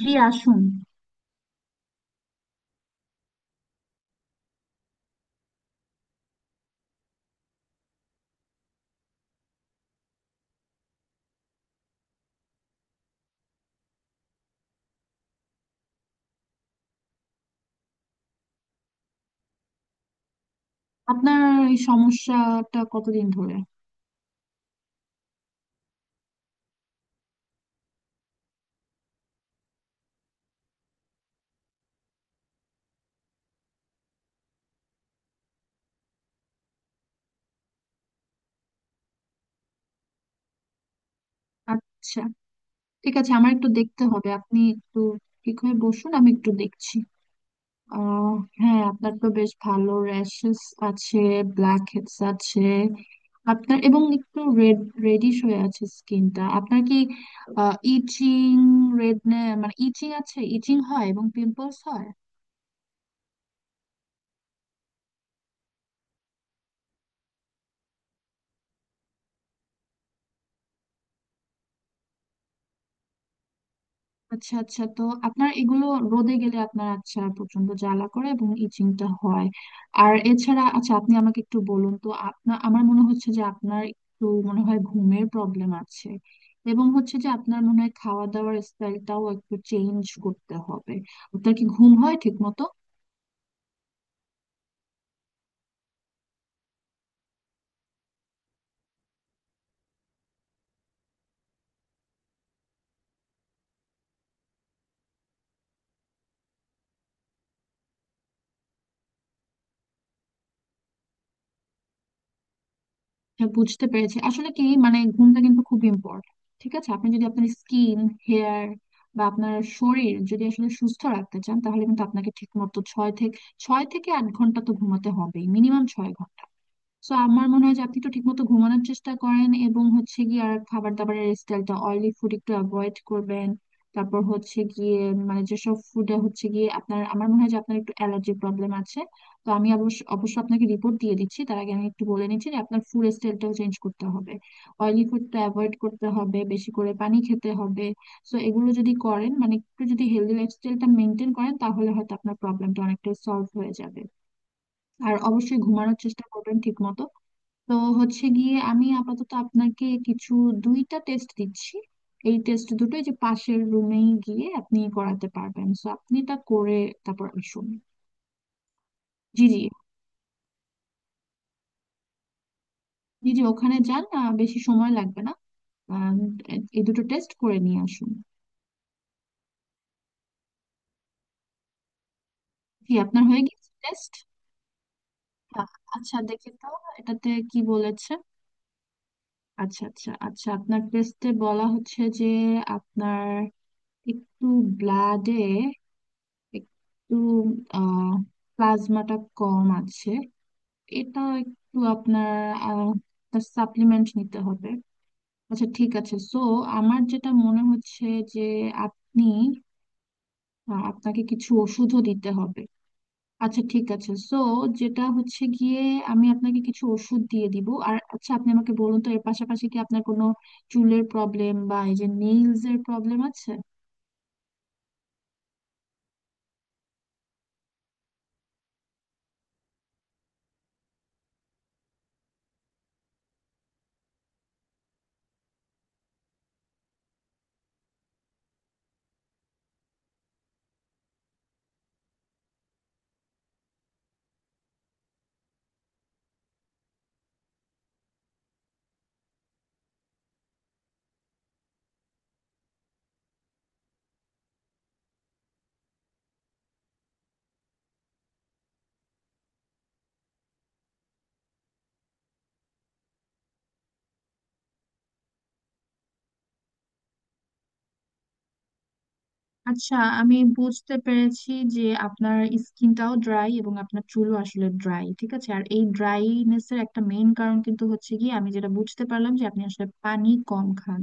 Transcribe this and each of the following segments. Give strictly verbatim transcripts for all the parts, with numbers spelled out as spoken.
জি, আসুন। আপনার এই সমস্যাটা কতদিন ধরে? আচ্ছা, ঠিক আছে, আমার একটু দেখতে হবে। আপনি একটু ঠিক হয়ে বসুন, আমি একটু দেখছি। আহ হ্যাঁ, আপনার তো বেশ ভালো র্যাশেস আছে, ব্ল্যাক হেডস আছে আপনার, এবং একটু রেড রেডিশ হয়ে আছে স্কিনটা। আপনার কি ইচিং রেড মানে ইচিং আছে? ইচিং হয় এবং পিম্পলস হয়? আচ্ছা, আচ্ছা, তো আপনার এগুলো রোদে গেলে আপনার, আচ্ছা, প্রচন্ড জ্বালা করে এবং ইচিংটা হয়। আর এছাড়া, আচ্ছা, আপনি আমাকে একটু বলুন তো, আপনার, আমার মনে হচ্ছে যে আপনার একটু মনে হয় ঘুমের প্রবলেম আছে, এবং হচ্ছে যে আপনার মনে হয় খাওয়া দাওয়ার স্টাইলটাও একটু চেঞ্জ করতে হবে। আপনার কি ঘুম হয় ঠিক মতো? হ্যাঁ, বুঝতে পেরেছি। আসলে কি, মানে, ঘুমটা কিন্তু খুব ইম্পর্টেন্ট। ঠিক আছে, আপনি যদি আপনার স্কিন, হেয়ার বা আপনার শরীর যদি আসলে সুস্থ রাখতে চান, তাহলে কিন্তু আপনাকে ঠিক মতো ছয় থেকে ছয় থেকে আট ঘন্টা তো ঘুমাতে হবেই, মিনিমাম ছয় ঘন্টা। সো আমার মনে হয় যে আপনি একটু ঠিকমতো ঘুমানোর চেষ্টা করেন, এবং হচ্ছে গিয়ে আর খাবার দাবারের স্টাইলটা, অয়েলি ফুড একটু অ্যাভয়েড করবেন। তারপর হচ্ছে গিয়ে, মানে, যেসব ফুডে হচ্ছে গিয়ে আপনার, আমার মনে হয় যে আপনার একটু অ্যালার্জি প্রবলেম আছে। তো আমি, অবশ্য অবশ্য আপনাকে রিপোর্ট দিয়ে দিচ্ছি, তার আগে আমি একটু বলে নিচ্ছি যে আপনার ফুড স্টাইলটাও চেঞ্জ করতে হবে, অয়েলি ফুডটা অ্যাভয়েড করতে হবে, বেশি করে পানি খেতে হবে। সো এগুলো যদি করেন, মানে একটু যদি হেলদি লাইফস্টাইলটা মেনটেন করেন, তাহলে হয়তো আপনার প্রবলেমটা অনেকটা সলভ হয়ে যাবে। আর অবশ্যই ঘুমানোর চেষ্টা করবেন ঠিকমতো। তো, হচ্ছে গিয়ে আমি আপাতত আপনাকে কিছু, দুইটা টেস্ট দিচ্ছি। এই টেস্ট দুটোই যে পাশের রুমেই গিয়ে আপনি করাতে পারবেন, সো আপনি তা করে তারপর আসুন। জি জি। জি জি, ওখানে যান। আহ, বেশি সময় লাগবে না। আহ, এই দুটো টেস্ট করে নিয়ে আসুন। জি, আপনার হয়ে গেছে টেস্ট? আচ্ছা, দেখি তো, এটাতে কি বলেছে। আচ্ছা, আচ্ছা, আচ্ছা, আপনার টেস্টে বলা হচ্ছে যে আপনার একটু ব্লাডে একটু, আহ প্লাজমাটা কম আছে। এটা একটু আপনার, আহ সাপ্লিমেন্ট নিতে হবে। আচ্ছা, ঠিক আছে। সো আমার যেটা মনে হচ্ছে যে আপনি, আহ, আপনাকে কিছু ওষুধও দিতে হবে। আচ্ছা, ঠিক আছে। সো যেটা হচ্ছে গিয়ে, আমি আপনাকে কিছু ওষুধ দিয়ে দিব। আর, আচ্ছা, আপনি আমাকে বলুন তো, এর পাশাপাশি কি আপনার কোনো চুলের প্রবলেম বা এই যে নেইলস এর প্রবলেম আছে? আচ্ছা, আমি বুঝতে পেরেছি যে আপনার স্কিনটাও ড্রাই এবং আপনার চুলও আসলে ড্রাই। ঠিক আছে, আর এই ড্রাইনেস এর একটা মেইন কারণ কিন্তু হচ্ছে, কি আমি যেটা বুঝতে পারলাম, যে আপনি আসলে পানি কম খান।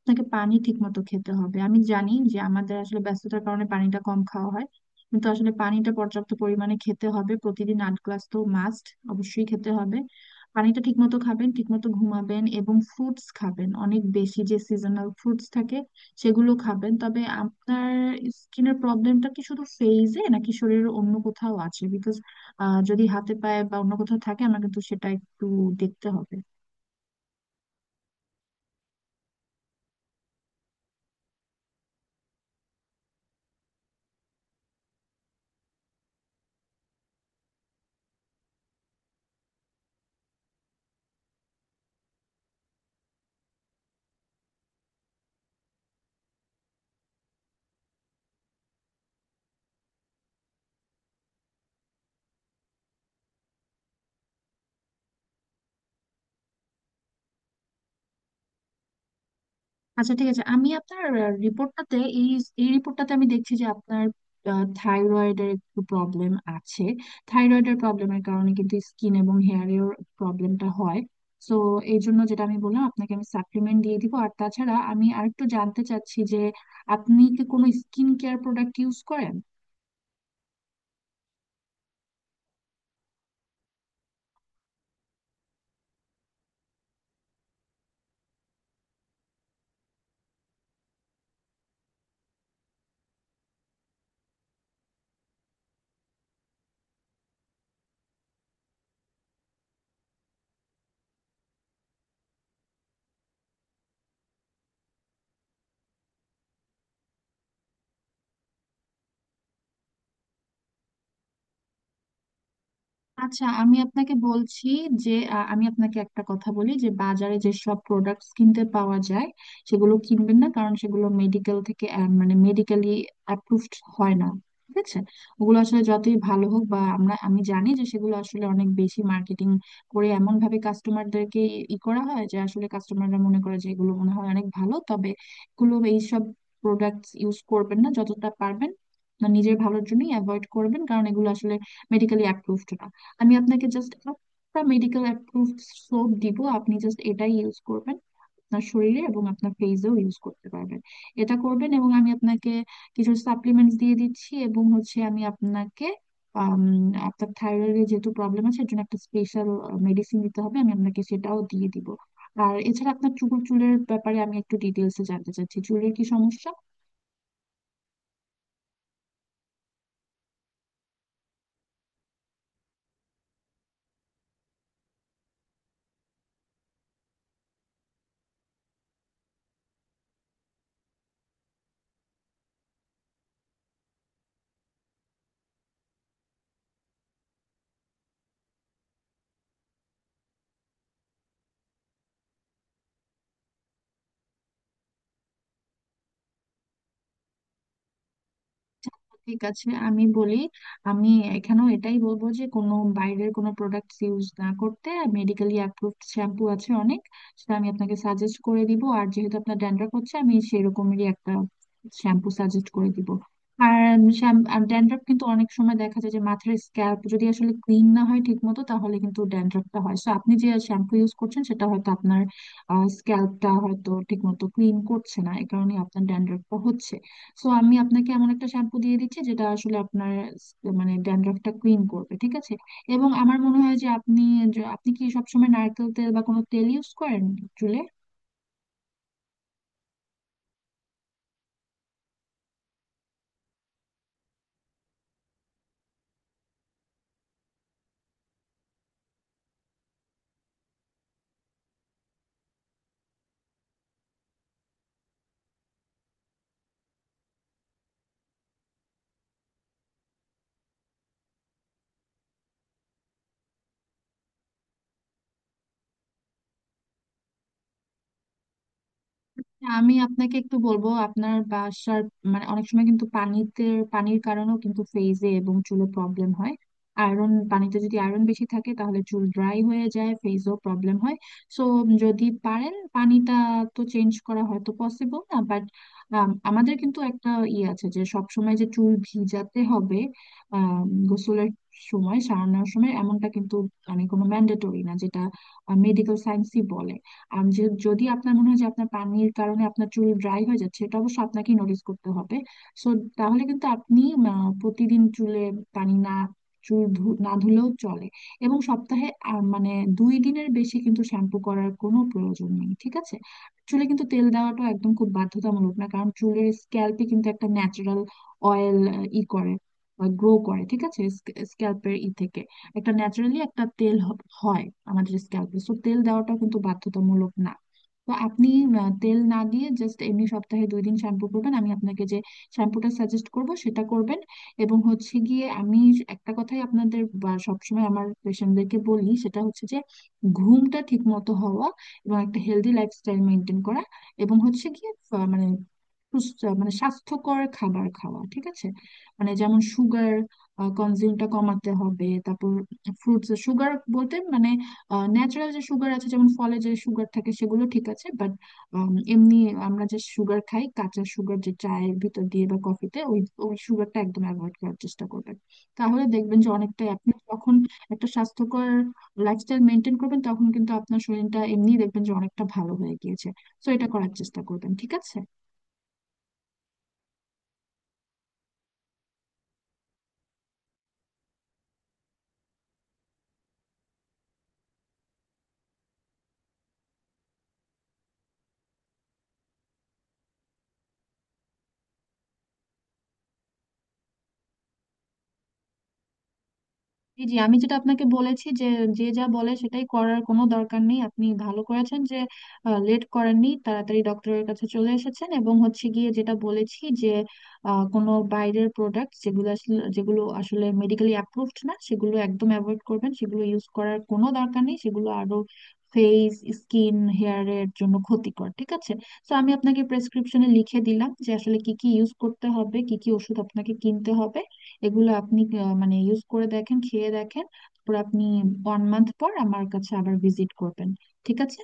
আপনাকে পানি ঠিক মতো খেতে হবে। আমি জানি যে আমাদের আসলে ব্যস্ততার কারণে পানিটা কম খাওয়া হয়, কিন্তু আসলে পানিটা পর্যাপ্ত পরিমাণে খেতে হবে। প্রতিদিন আট গ্লাস তো মাস্ট, অবশ্যই খেতে হবে। পানিটা ঠিক মতো খাবেন, ঠিক মতো ঘুমাবেন, এবং ফ্রুটস খাবেন অনেক বেশি, যে সিজনাল ফ্রুটস থাকে সেগুলো খাবেন। তবে আপনার স্কিনের প্রবলেমটা কি শুধু ফেইজে নাকি শরীরের অন্য কোথাও আছে? বিকজ যদি হাতে পায়ে বা অন্য কোথাও থাকে, আমার কিন্তু সেটা একটু দেখতে হবে। আচ্ছা, ঠিক আছে। আমি আপনার রিপোর্টটাতে, এই এই রিপোর্টটাতে আমি দেখছি যে আপনার থাইরয়েডের একটু প্রবলেম আছে। থাইরয়েডের প্রবলেমের কারণে কিন্তু স্কিন এবং হেয়ারের প্রবলেমটা হয়। তো এই জন্য, যেটা আমি বললাম, আপনাকে আমি সাপ্লিমেন্ট দিয়ে দিব। আর তাছাড়া আমি আরেকটু জানতে চাচ্ছি যে আপনি কি কোনো স্কিন কেয়ার প্রোডাক্ট ইউজ করেন? আচ্ছা, আমি আপনাকে বলছি যে আ, আমি আপনাকে একটা কথা বলি, যে বাজারে যেসব প্রোডাক্টস কিনতে পাওয়া যায় সেগুলো কিনবেন না, কারণ সেগুলো মেডিকেল থেকে আ, মানে মেডিকেলি অ্যাপ্রুভড হয় না। ঠিক আছে, ওগুলো আসলে যতই ভালো হোক, বা আমরা, আমি জানি যে সেগুলো আসলে অনেক বেশি মার্কেটিং করে, এমন ভাবে কাস্টমারদেরকে ই করা হয় যে আসলে কাস্টমাররা মনে করে যে এগুলো মনে হয় অনেক ভালো। তবে এগুলো, এইসব প্রোডাক্টস ইউজ করবেন না যতটা পারবেন না, নিজের ভালোর জন্যই অ্যাভয়েড করবেন, কারণ এগুলো আসলে মেডিকেলি অ্যাপ্রুভড না। আমি আপনাকে জাস্ট একটা মেডিকেল অ্যাপ্রুভড সোপ দিব, আপনি জাস্ট এটাই ইউজ করবেন। আপনার শরীরে এবং আপনার ফেসেও ইউজ করতে পারবেন। এটা করবেন, এবং আমি আপনাকে কিছু সাপ্লিমেন্টস দিয়ে দিচ্ছি। এবং হচ্ছে, আমি আপনাকে, আম, আপনার থাইরয়েডের যেহেতু প্রবলেম আছে, এর জন্য একটা স্পেশাল মেডিসিন দিতে হবে, আমি আপনাকে সেটাও দিয়ে দিব। আর এছাড়া আপনার চুল চুলের ব্যাপারে আমি একটু ডিটেলসে জানতে চাচ্ছি, চুলের কি সমস্যা? ঠিক আছে, আমি বলি। আমি এখানেও এটাই বলবো, যে কোনো বাইরের কোনো প্রোডাক্ট ইউজ না করতে। মেডিকেলি অ্যাপ্রুভড শ্যাম্পু আছে অনেক, সেটা আমি আপনাকে সাজেস্ট করে দিব। আর যেহেতু আপনার ড্যান্ড্রাফ হচ্ছে, আমি সেরকমেরই একটা শ্যাম্পু সাজেস্ট করে দিব। আর ড্যান্ড্রাফ কিন্তু অনেক সময় দেখা যায় যে মাথার স্ক্যাল্প যদি আসলে ক্লিন না হয় ঠিক মতো, তাহলে কিন্তু ড্যান্ড্রাফটা হয়। সো আপনি যে শ্যাম্পু ইউজ করছেন সেটা হয়তো আপনার স্ক্যাল্পটা হয়তো ঠিক মতো ক্লিন করছে না, এই কারণে আপনার ড্যান্ড্রাফটা হচ্ছে। সো আমি আপনাকে এমন একটা শ্যাম্পু দিয়ে দিচ্ছি যেটা আসলে আপনার স- মানে ড্যান্ড্রফটা ক্লিন করবে। ঠিক আছে, এবং আমার মনে হয় যে আপনি, যে- আপনি কি সবসময় নারকেল তেল বা কোনো তেল ইউজ করেন চুলে? আমি আপনাকে একটু বলবো, আপনার বাসার, মানে অনেক সময় কিন্তু পানিতে, পানির কারণেও কিন্তু ফেজে এবং চুলে প্রবলেম হয়। আয়রন পানিতে যদি আয়রন বেশি থাকে, তাহলে চুল ড্রাই হয়ে যায়, ফেজও প্রবলেম হয়। সো যদি পারেন, পানিটা তো চেঞ্জ করা হয়তো পসিবল না, বাট আমাদের কিন্তু একটা ইয়ে আছে যে সব সময় যে চুল ভিজাতে হবে, আহ গোসলের সময়, সারানোর সময়, এমনটা কিন্তু, মানে কোনো ম্যান্ডেটরি না, যেটা মেডিকেল সায়েন্সই বলে। আর যে, যদি আপনার মনে হয় যে আপনার পানির কারণে আপনার চুল ড্রাই হয়ে যাচ্ছে, এটা অবশ্য আপনাকেই নোটিস করতে হবে। সো তাহলে কিন্তু আপনি, আহ, প্রতিদিন চুলে পানি না, চুল ধু- না ধুলেও চলে। এবং সপ্তাহে আহ, মানে দুই দিনের বেশি কিন্তু শ্যাম্পু করার কোনো প্রয়োজন নেই। ঠিক আছে, চুলে কিন্তু তেল দেওয়াটা একদম খুব বাধ্যতামূলক না, কারণ চুলের স্ক্যাল্পে কিন্তু একটা ন্যাচারাল অয়েল ই করে গ্রো করে। ঠিক আছে, স্ক্যাল্পের ই থেকে একটা ন্যাচারালি একটা তেল হ- হয় আমাদের স্ক্যাল্পে, সো তেল দেওয়াটা কিন্তু বাধ্যতামূলক না। তো আপনি, আহ, তেল না দিয়ে জাস্ট এমনি সপ্তাহে দুই দিন শ্যাম্পু করবেন, আমি আপনাকে যে শ্যাম্পুটা সাজেস্ট করব সেটা করবেন। এবং হচ্ছে গিয়ে আমি একটা কথাই আপনাদের, বা সবসময় আমার পেশেন্টদেরকে বলি, সেটা হচ্ছে যে ঘুমটা ঠিক মতো হওয়া এবং একটা হেলদি লাইফস্টাইল মেনটেন করা, এবং হচ্ছে গিয়ে আহ, মানে সুস্থ, মানে স্বাস্থ্যকর খাবার খাওয়া। ঠিক আছে, মানে যেমন সুগার কনজিউমটা কমাতে হবে। তারপর ফ্রুটস সুগার বলতে মানে ন্যাচারাল যে সুগার আছে, যেমন ফলে যে সুগার থাকে, সেগুলো ঠিক আছে, বাট এমনি আমরা যে সুগার খাই, কাঁচা সুগার, যে চায়ের ভিতর দিয়ে বা কফিতে, ওই ওই সুগারটা একদম অ্যাভয়েড করার চেষ্টা করবেন। তাহলে দেখবেন যে অনেকটাই, আপনি যখন একটা স্বাস্থ্যকর লাইফস্টাইল মেনটেন করবেন, তখন কিন্তু আপনার শরীরটা এমনি দেখবেন যে অনেকটা ভালো হয়ে গিয়েছে। সো এটা করার চেষ্টা করবেন, ঠিক আছে? জি জি, আমি যেটা আপনাকে বলেছি যে, যে যা বলে সেটাই করার কোনো দরকার নেই। আপনি ভালো করেছেন যে লেট করেননি, তাড়াতাড়ি ডক্টরের কাছে চলে এসেছেন। এবং হচ্ছে গিয়ে, যেটা বলেছি যে, আহ, কোনো বাইরের প্রোডাক্ট যেগুলো আসলে- যেগুলো আসলে মেডিকেলি অ্যাপ্রুভড না, সেগুলো একদম অ্যাভয়েড করবেন, সেগুলো ইউজ করার কোনো দরকার নেই, সেগুলো আরো ফেস, স্কিন, হেয়ারের জন্য ক্ষতিকর। ঠিক আছে, তো আমি আপনাকে প্রেসক্রিপশনে লিখে দিলাম যে আসলে কি কি ইউজ করতে হবে, কি কি ওষুধ আপনাকে কিনতে হবে। এগুলো আপনি আহ, মানে ইউজ করে দেখেন, খেয়ে দেখেন, তারপর আপনি ওয়ান মান্থ পর আমার কাছে আবার ভিজিট করবেন। ঠিক আছে?